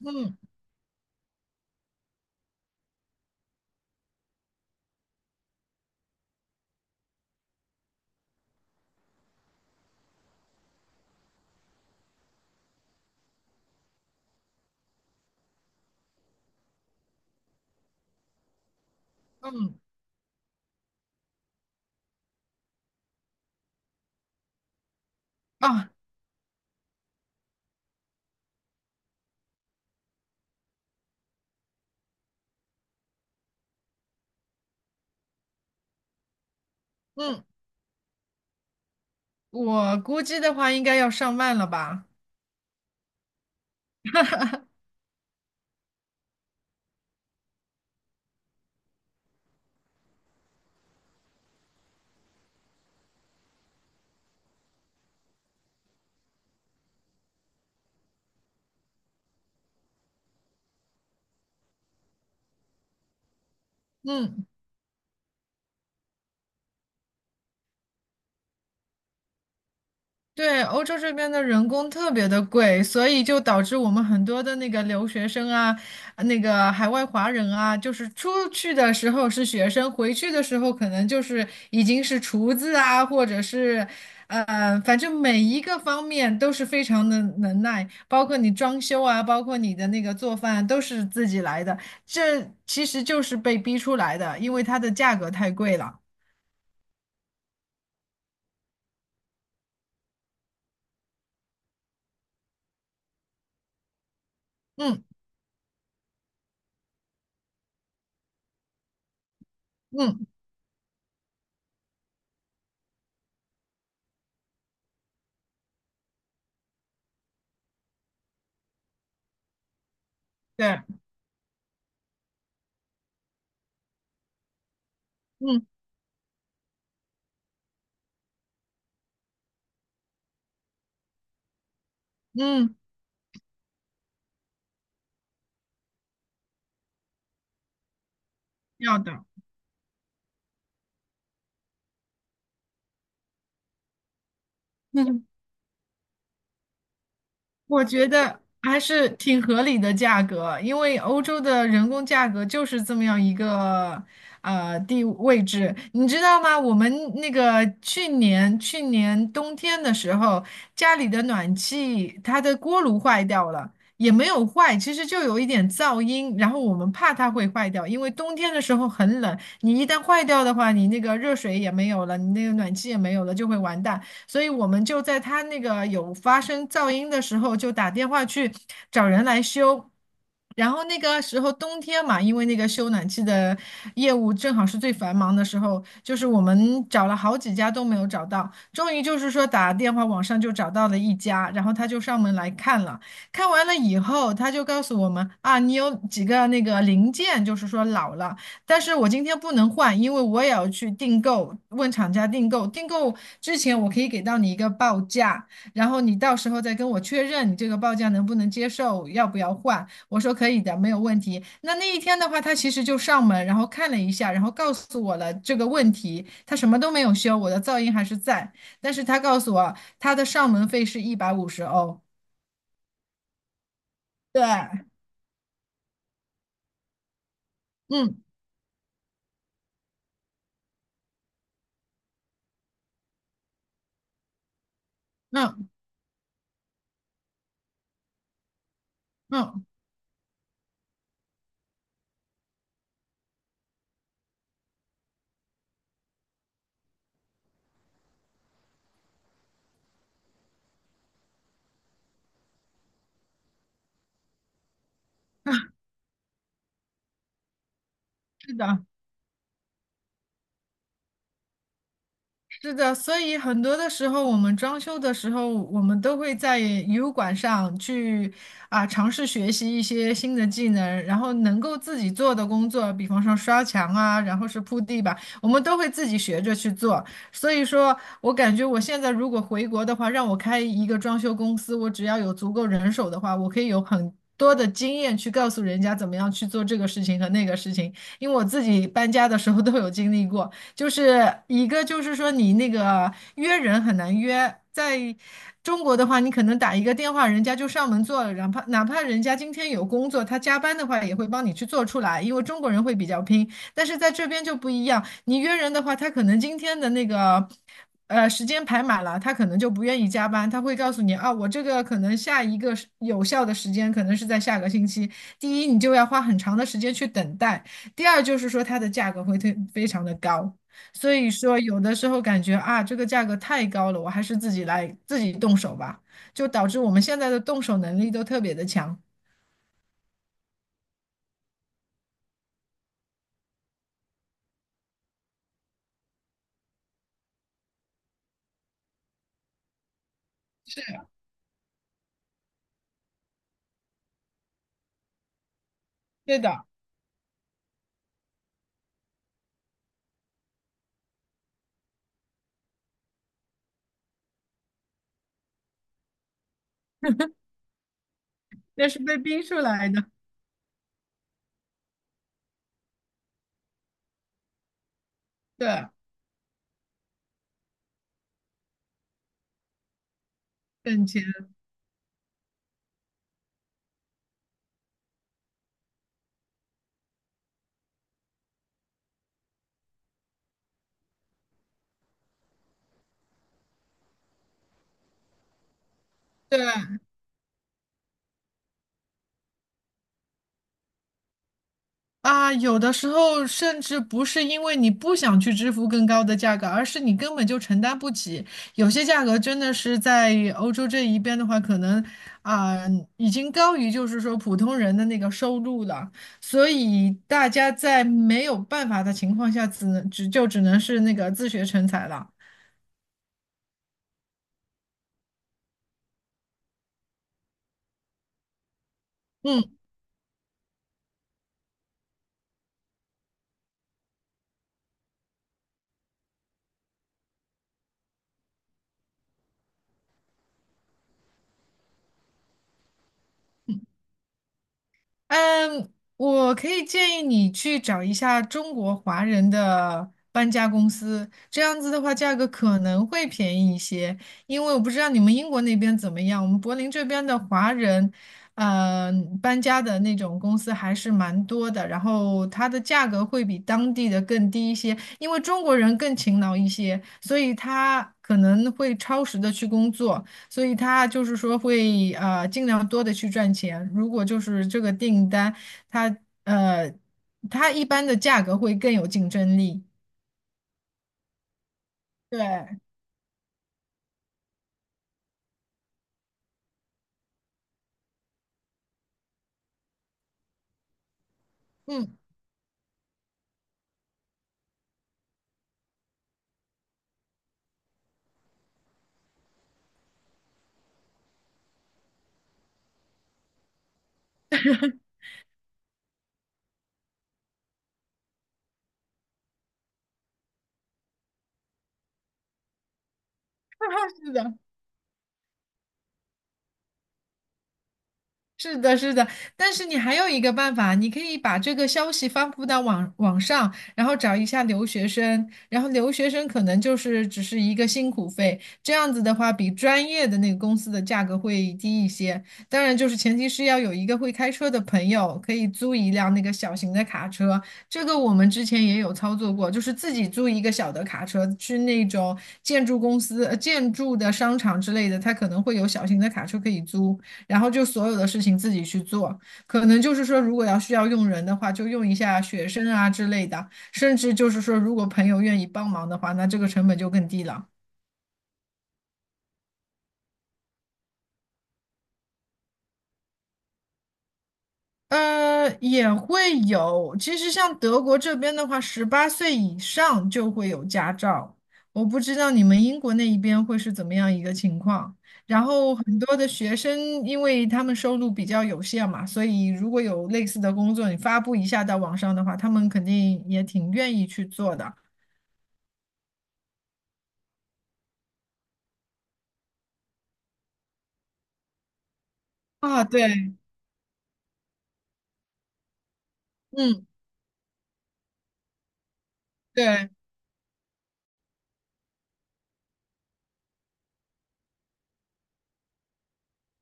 嗯嗯啊嗯，我估计的话应该要上万了吧？嗯。对，欧洲这边的人工特别的贵，所以就导致我们很多的那个留学生啊，那个海外华人啊，就是出去的时候是学生，回去的时候可能就是已经是厨子啊，或者是，反正每一个方面都是非常的能耐，包括你装修啊，包括你的那个做饭都是自己来的，这其实就是被逼出来的，因为它的价格太贵了。嗯嗯，对，嗯嗯，要的。我觉得还是挺合理的价格，因为欧洲的人工价格就是这么样一个地位置，你知道吗？我们那个去年冬天的时候，家里的暖气它的锅炉坏掉了，也没有坏，其实就有一点噪音，然后我们怕它会坏掉，因为冬天的时候很冷，你一旦坏掉的话，你那个热水也没有了，你那个暖气也没有了，就会完蛋。所以我们就在他那个有发生噪音的时候，就打电话去找人来修。然后那个时候冬天嘛，因为那个修暖气的业务正好是最繁忙的时候，就是我们找了好几家都没有找到，终于就是说打电话网上就找到了一家，然后他就上门来看了，看完了以后他就告诉我们啊，你有几个那个零件就是说老了。但是我今天不能换，因为我也要去订购，问厂家订购。订购之前我可以给到你一个报价，然后你到时候再跟我确认你这个报价能不能接受，要不要换。我说可以的，没有问题。那一天的话，他其实就上门，然后看了一下，然后告诉我了这个问题，他什么都没有修，我的噪音还是在，但是他告诉我他的上门费是150欧。对，嗯嗯嗯，是的。是的，所以很多的时候，我们装修的时候，我们都会在油管上去啊尝试学习一些新的技能，然后能够自己做的工作，比方说刷墙啊，然后是铺地板，我们都会自己学着去做。所以说，我感觉我现在如果回国的话，让我开一个装修公司，我只要有足够人手的话，我可以有很多的经验去告诉人家怎么样去做这个事情和那个事情，因为我自己搬家的时候都有经历过。就是一个就是说你那个约人很难约，在中国的话，你可能打一个电话，人家就上门做了，哪怕人家今天有工作，他加班的话也会帮你去做出来，因为中国人会比较拼。但是在这边就不一样，你约人的话，他可能今天的那个。时间排满了，他可能就不愿意加班，他会告诉你啊，我这个可能下一个时有效的时间可能是在下个星期。第一，你就要花很长的时间去等待；第二，就是说它的价格会非常的高。所以说，有的时候感觉啊，这个价格太高了，我还是自己来自己动手吧，就导致我们现在的动手能力都特别的强。对的，那是被逼出来的。对，挣钱。对。啊，有的时候甚至不是因为你不想去支付更高的价格，而是你根本就承担不起。有些价格真的是在欧洲这一边的话，可能啊，已经高于就是说普通人的那个收入了。所以大家在没有办法的情况下，只能是那个自学成才了。嗯。嗯，我可以建议你去找一下中国华人的搬家公司，这样子的话价格可能会便宜一些。因为我不知道你们英国那边怎么样，我们柏林这边的华人，呃，搬家的那种公司还是蛮多的，然后它的价格会比当地的更低一些，因为中国人更勤劳一些，所以他可能会超时的去工作。所以他就是说会尽量多的去赚钱。如果就是这个订单，他呃他一般的价格会更有竞争力。对，嗯，是的。是的，是的，但是你还有一个办法，你可以把这个消息发布到网上，然后找一下留学生，然后留学生可能就是只是一个辛苦费，这样子的话比专业的那个公司的价格会低一些。当然，就是前提是要有一个会开车的朋友，可以租一辆那个小型的卡车，这个我们之前也有操作过，就是自己租一个小的卡车去那种建筑公司、建筑的商场之类的，它可能会有小型的卡车可以租。然后就所有的事情自己去做。可能就是说，如果要需要用人的话，就用一下学生啊之类的，甚至就是说，如果朋友愿意帮忙的话，那这个成本就更低了。也会有。其实像德国这边的话，18岁以上就会有驾照。我不知道你们英国那一边会是怎么样一个情况。然后很多的学生，因为他们收入比较有限嘛，所以如果有类似的工作，你发布一下到网上的话，他们肯定也挺愿意去做的。啊，对，嗯，对，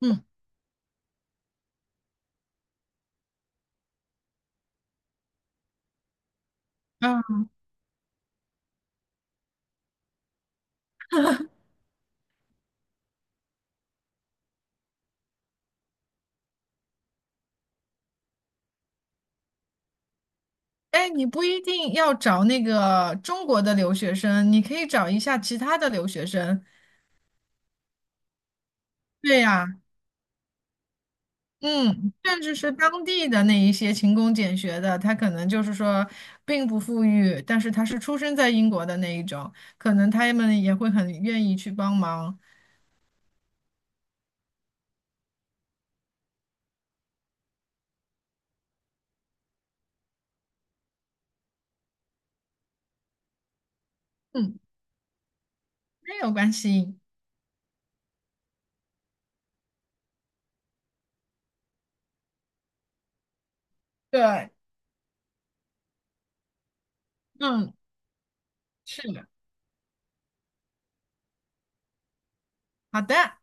嗯，啊，哎，你不一定要找那个中国的留学生，你可以找一下其他的留学生。对呀，嗯，甚至是当地的那一些勤工俭学的，他可能就是说并不富裕，但是他是出生在英国的那一种，可能他们也会很愿意去帮忙。嗯，没有关系。对，嗯，是的，好的。